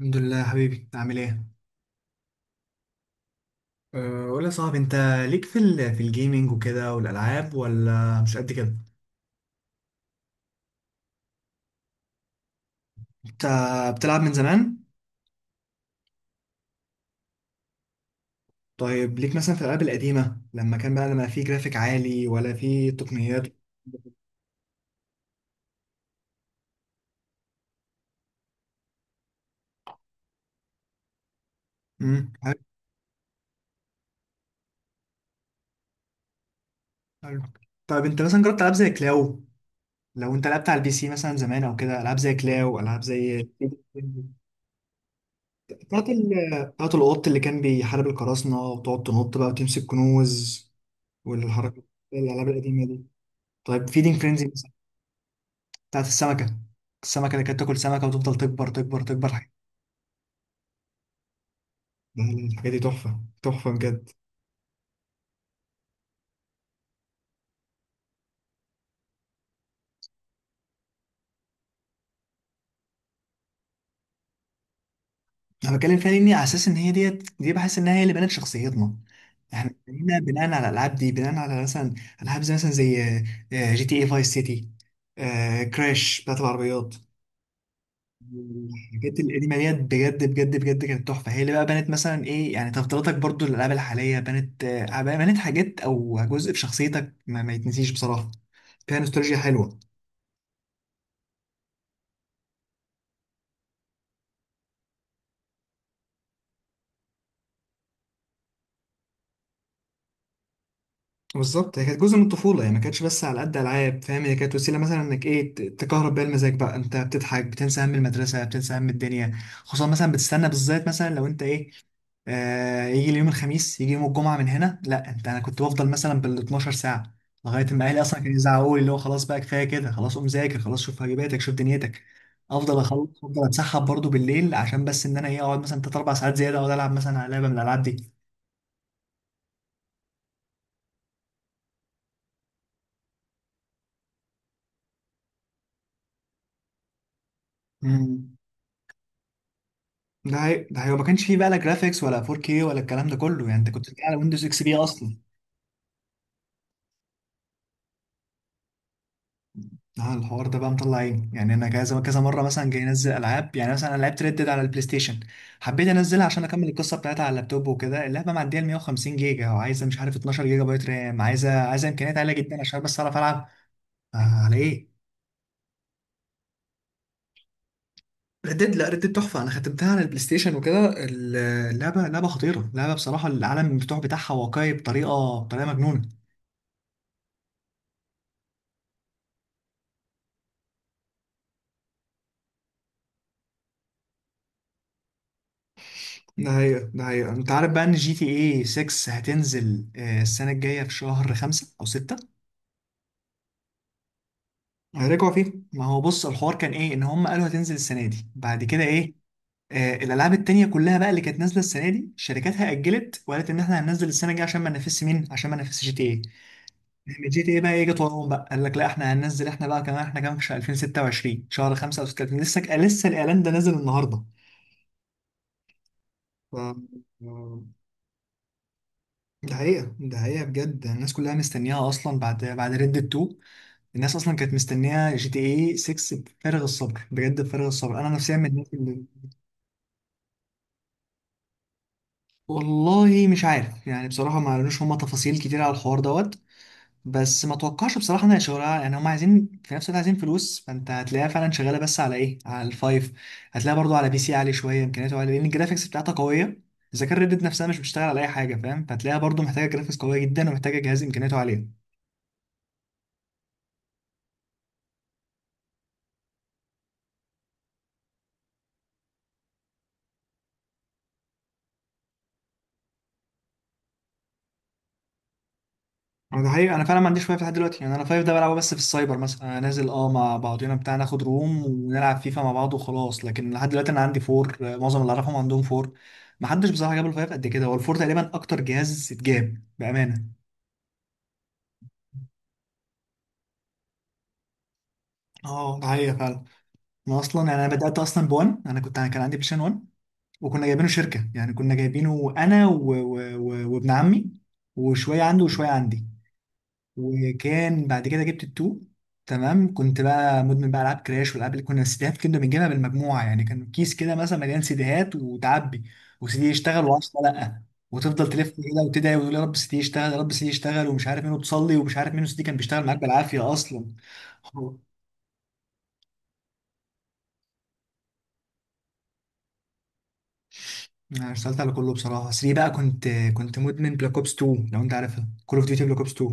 الحمد لله يا حبيبي، عامل ايه؟ أه، قول يا صاحبي. انت ليك في الجيمنج وكده والالعاب ولا مش قد كده؟ انت بتلعب من زمان؟ طيب ليك مثلا في الالعاب القديمه لما كان بقى لما في جرافيك عالي ولا في تقنيات. حلو حلو. طيب انت مثلا جربت العاب زي كلاو؟ لو انت لعبت على البي سي مثلا زمان او كده، العاب زي كلاو، العاب زي بتاعت القط اللي كان بيحارب القراصنه، وتقعد تنط بقى وتمسك كنوز والحركه، الالعاب القديمه دي. طيب فيدينج فرينزي بتاعت السمكة، السمكة اللي كانت تاكل سمكة وتفضل تكبر تكبر تكبر. لا لا، الحاجات دي تحفة تحفة بجد. انا بتكلم فيها لاني على اساس ان هي ديت دي بحس انها هي اللي بنت شخصيتنا، احنا بنينا بناء على الالعاب دي، بناء على مثلا العاب زي مثلا زي جي تي اي فايس سيتي، كراش بتاعت العربيات. الحاجات القديمه ديت بجد بجد بجد كانت تحفه، هي اللي بقى بنت مثلا ايه يعني تفضيلاتك برضو للالعاب الحاليه، بنت بنت حاجات او جزء في شخصيتك ما يتنسيش بصراحه. فيها نوستالجيا حلوه. بالظبط، هي كانت جزء من الطفولة، هي ما كانتش بس على قد ألعاب، فاهم؟ هي كانت وسيلة مثلا إنك إيه تكهرب بيها المزاج بقى، أنت بتضحك، بتنسى هم المدرسة، بتنسى هم الدنيا. خصوصا مثلا بتستنى بالذات مثلا لو أنت إيه يجي اليوم الخميس، يجي يوم الجمعة. من هنا لا، أنت أنا كنت بفضل مثلا بال 12 ساعة لغاية ما أهلي أصلا كانوا يزعقوا لي، اللي هو خلاص بقى، كفاية كده، خلاص قوم ذاكر، خلاص شوف واجباتك، شوف دنيتك. أفضل أخلص، أفضل أتسحب برضه بالليل عشان بس إن أنا إيه أقعد مثلا تلات أربع ساعات زيادة، أقعد ألعب مثلا على لعبة من الألعاب دي. مم. ده هي ما كانش فيه بقى لا جرافيكس ولا 4K ولا الكلام ده كله، يعني انت كنت بتلعب على ويندوز اكس بي اصلا. اه، الحوار ده بقى مطلع عيني، يعني انا كذا كذا مره مثلا جاي انزل العاب. يعني مثلا انا لعبت ريد ديد على البلاي ستيشن، حبيت انزلها عشان اكمل القصه بتاعتها على اللابتوب وكده، اللعبه معديه ال 150 جيجا، وعايزه مش عارف 12 جيجا بايت رام، عايزه امكانيات عاليه جدا عشان بس اعرف العب. آه على ايه؟ ردد، لا ردد تحفة، أنا ختمتها على البلاي ستيشن وكده. اللعبة لعبة خطيرة، لعبة بصراحة، العالم المفتوح بتاعها واقعي بطريقة مجنونة. ده حقيقة ده حقيقة، انت عارف بقى ان جي تي اي 6 هتنزل السنة الجاية في شهر 5 او 6. هيرجعوا فيه، ما هو بص الحوار كان ايه، ان هم قالوا هتنزل السنة دي. بعد كده ايه؟ الالعاب التانية كلها بقى اللي كانت نازلة السنة دي شركاتها اجلت وقالت ان احنا هننزل السنة الجاية عشان ما ننافسش مين، عشان ما ننافسش جي تي اي. جي تي اي بقى ايه جت وراهم بقى، قال لك لا احنا هننزل، احنا بقى كمان، احنا كمان في شهر 2026، شهر 5 او 6، لسه لسه الاعلان ده نازل النهارده. ف... ده حقيقة ده حقيقة بجد، الناس كلها مستنياها أصلا بعد ريد 2. الناس أصلا كانت مستنية جي تي إيه 6 بفارغ الصبر بجد، بفارغ الصبر، أنا نفسيا من الناس اللي. والله مش عارف يعني، بصراحة ما قالولوش هما تفاصيل كتير على الحوار دوت، بس ما توقعش بصراحة إنها شغالة، يعني هما عايزين في نفس الوقت عايزين فلوس، فأنت هتلاقيها فعلا شغالة بس على إيه، على الفايف. هتلاقيها برضو على بي سي عالي شوية إمكانياته عالية، لأن الجرافيكس بتاعتها قوية. إذا كان ريد ديد نفسها مش بتشتغل على أي حاجة، فاهم، فهتلاقيها برضو محتاجة جرافيكس قوية جدا، ومحتاجة جهاز إمكانياته عالية. أنا ده حقيقي، انا فعلا ما عنديش وايف لحد دلوقتي، يعني انا فايف ده بلعبه بس في السايبر مثلا، انا نازل مع بعضينا بتاع، ناخد روم ونلعب فيفا مع بعض وخلاص. لكن لحد دلوقتي انا عندي فور، معظم اللي اعرفهم عندهم فور. ما حدش بصراحه جاب الفايف قد كده، هو الفور تقريبا اكتر جهاز اتجاب بامانه. اه، ده حقيقي فعلا. انا اصلا يعني انا بدات اصلا بوان، انا كان عندي بلايستيشن 1، وكنا جايبينه شركه يعني، كنا جايبينه انا وابن عمي، وشويه عنده وشويه عندي. وكان بعد كده جبت التو، تمام. كنت بقى مدمن بقى العاب كراش والالعاب، اللي كنا السيديهات كنا بنجيبها بالمجموعه يعني، كان كيس كده مثلا مليان سيديهات وتعبي، وسيدي يشتغل وعشرة لا، وتفضل تلف كده وتدعي وتقول يا رب سيدي يشتغل، يا رب سيدي يشتغل، ومش عارف مين، وتصلي ومش عارف مين، سيدي كان بيشتغل معاك بالعافيه اصلا. هو- انا اشتغلت على كله بصراحه، 3 بقى كنت مدمن بلاك اوبس 2، لو انت عارفها، كول اوف ديوتي بلاك اوبس 2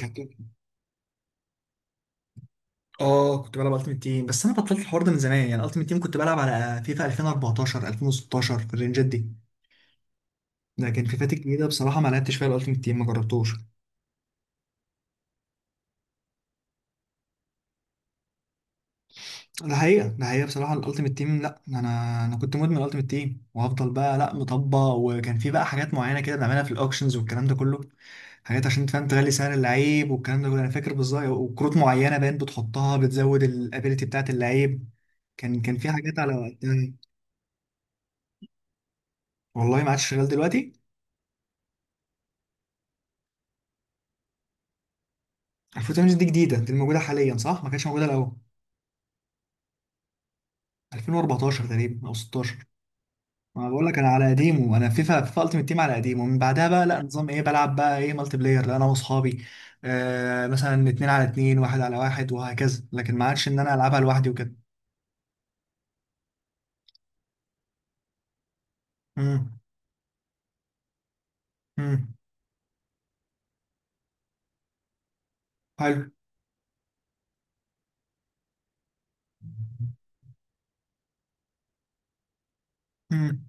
كانت اه كنت بلعب التيمت تيم، بس انا بطلت الحوار ده من زمان، يعني التيمت تيم كنت بلعب على فيفا 2014 2016، في الرينجات دي. لكن فيفات الجديده بصراحه ما لعبتش فيها الالتيمت تيم، ما جربتوش. ده حقيقه ده حقيقه، بصراحه الالتيمت تيم لا، انا كنت مدمن الالتيمت تيم وهفضل بقى لا مطبق، وكان في بقى حاجات معينه كده بنعملها في الاوكشنز والكلام ده كله، حاجات عشان تفهم تغلي سعر اللعيب والكلام ده كله انا فاكر بالظبط، وكروت معينه باين بتحطها بتزود الابيليتي بتاعت اللعيب. كان في حاجات على وقتها. والله ما عادش شغال دلوقتي. 2008 دي جديدة، دي الموجودة حاليا صح؟ ما كانتش موجودة الأول. 2014 تقريبا أو 16. ما بقول لك أنا على قديمه، أنا فيفا ألتيمت تيم على قديمه، ومن بعدها بقى لا نظام إيه بلعب بقى إيه مالتي بلاير، لا أنا وأصحابي مثلا 2 على 2، 1 على 1 وهكذا، لكن ما عادش إن أنا ألعبها لوحدي وكده. امم. امم. حلو. امم.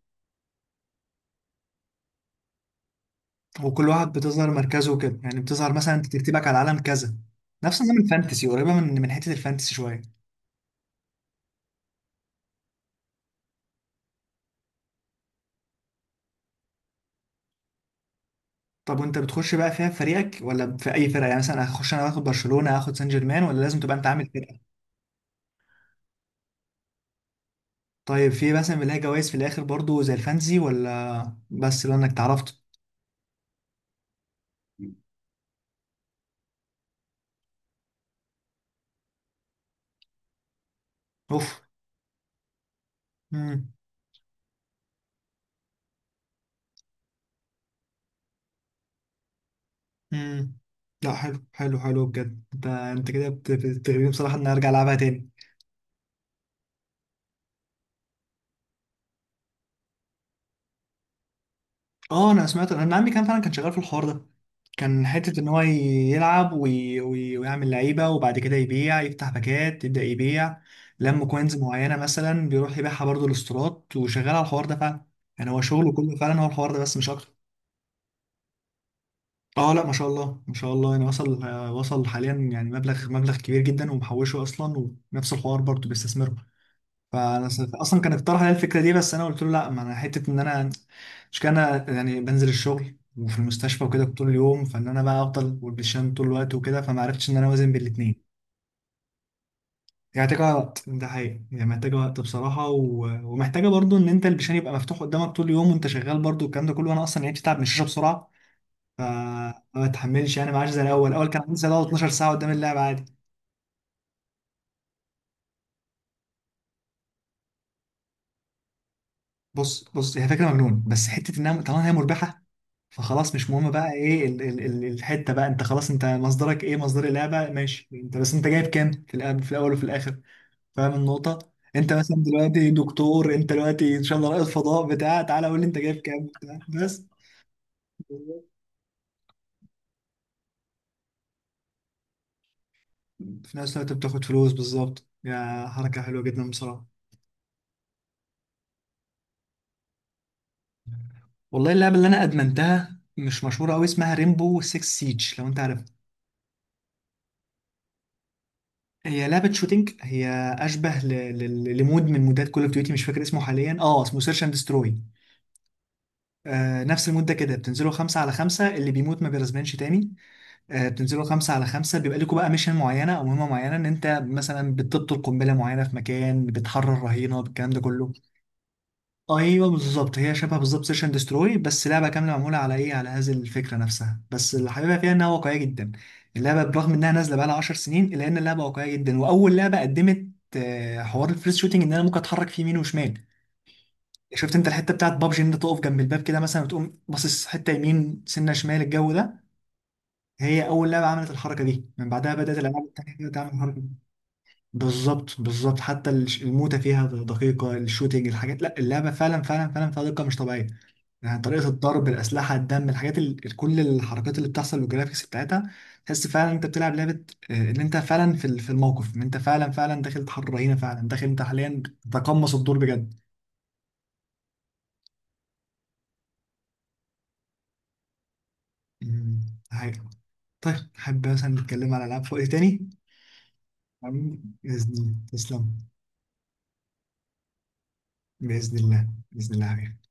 وكل واحد بتظهر مركزه وكده يعني، بتظهر مثلا أنت ترتيبك على العالم كذا. نفس نظام الفانتسي، قريبة من حتة الفانتسي شوية. طب وانت بتخش بقى فيها في فريقك، ولا في اي فرقه، يعني مثلا هخش انا واخد برشلونه، هاخد سان جيرمان، ولا لازم تبقى انت عامل فرقه؟ طيب في مثلا بيلاقي جوائز في الاخر برضو زي الفانزي، ولا بس لانك اتعرفت؟ اوف. امم. امم. لا. حلو حلو حلو بجد، انت كده بتغريني بصراحه ان أنا ارجع العبها تاني. اه، انا سمعت، عمي كان فعلا كان شغال في الحوار ده، كان حته ان هو يلعب ويعمل لعيبه، وبعد كده يبيع يفتح باكات يبدا يبيع لم كوينز معينه مثلا، بيروح يبيعها برضه الاسترات، وشغال على الحوار ده فعلا. يعني هو شغله كله فعلا هو الحوار ده بس، مش اكتر. اه. لا، ما شاء الله ما شاء الله، يعني وصل حاليا يعني مبلغ كبير جدا، ومحوشه اصلا، ونفس الحوار برضه بيستثمره. فانا اصلا كان اقترح عليا الفكره دي، بس انا قلت له لا، ما انا حته ان انا مش كان أنا يعني بنزل الشغل وفي المستشفى وكده طول اليوم، فان انا بقى افضل والبشام طول الوقت وكده، فما عرفتش ان انا اوازن بين الاثنين. يعني محتاجه وقت، ده حقيقي يعني محتاجه وقت بصراحه، ومحتاجه برضو ان انت البشام يبقى مفتوح قدامك طول اليوم وانت شغال برضو الكلام ده كله. وانا اصلا يعني بتتعب من الشاشه بسرعه فما بتحملش، يعني ما عادش زي الاول كان عندي ساعه 12 ساعه قدام اللعب عادي. بص بص، هي فكره مجنون، بس حته انها طالما هي مربحه فخلاص مش مهم بقى ايه، ال ال ال الحته بقى، انت خلاص، انت مصدرك ايه؟ مصدر اللعبه ماشي، انت بس انت جايب كام في الأب في الاول وفي الاخر، فاهم النقطه؟ انت مثلا دلوقتي دكتور، انت دلوقتي ان شاء الله رائد فضاء بتاع، تعالى قول لي انت جايب كام بتاع بس، في نفس الوقت بتاخد فلوس، بالظبط. يا حركه حلوه جدا بصراحه. والله اللعبه اللي انا ادمنتها مش مشهوره قوي، اسمها ريمبو 6 سيج، لو انت عارفها. هي لعبة شوتينج، هي أشبه لمود من مودات كول أوف ديوتي، مش فاكر اسمه حاليا. اه، اسمه سيرش أند دستروي، نفس المدة كده بتنزلوا 5 على 5، اللي بيموت ما بيرزمنش تاني، بتنزلوا 5 على 5، بيبقى لكم بقى ميشن معينة أو مهمة معينة إن أنت مثلا بتبطل قنبلة معينة في مكان، بتحرر رهينة، الكلام ده كله. أيوه بالظبط، هي شبه بالظبط سيشن دستروي، بس لعبة كاملة معمولة على إيه على هذه الفكرة نفسها، بس اللي حاببها فيها إنها واقعية جدا، اللعبة برغم إنها نازلة بقالها 10 سنين إلا إن اللعبة واقعية جدا، وأول لعبة قدمت حوار الفريس شوتنج إن أنا ممكن أتحرك في يمين وشمال. شفت انت الحته بتاعت بابجي ان انت تقف جنب الباب كده مثلا، وتقوم باصص حته يمين سنه شمال، الجو ده؟ هي اول لعبه عملت الحركه دي، من بعدها بدات الالعاب التانيه كده تعمل الحركه دي. بالظبط بالظبط، حتى الموتة فيها دقيقه، الشوتينج، الحاجات، لا اللعبه فعلا فعلا فعلا فيها دقه مش طبيعيه، يعني طريقه الضرب، الاسلحه، الدم، الحاجات، كل الحركات اللي بتحصل والجرافيكس بتاعتها، تحس فعلا انت بتلعب لعبه، ان انت فعلا في الموقف، ان انت فعلا فعلا داخل تحرر رهينه، فعلا داخل انت حاليا تقمص الدور بجد. مم. هاي. طيب حابب مثلا نتكلم على العاب في وقت تاني. حبيبي، باذن الله تسلم. باذن الله باذن الله يا حبيبي.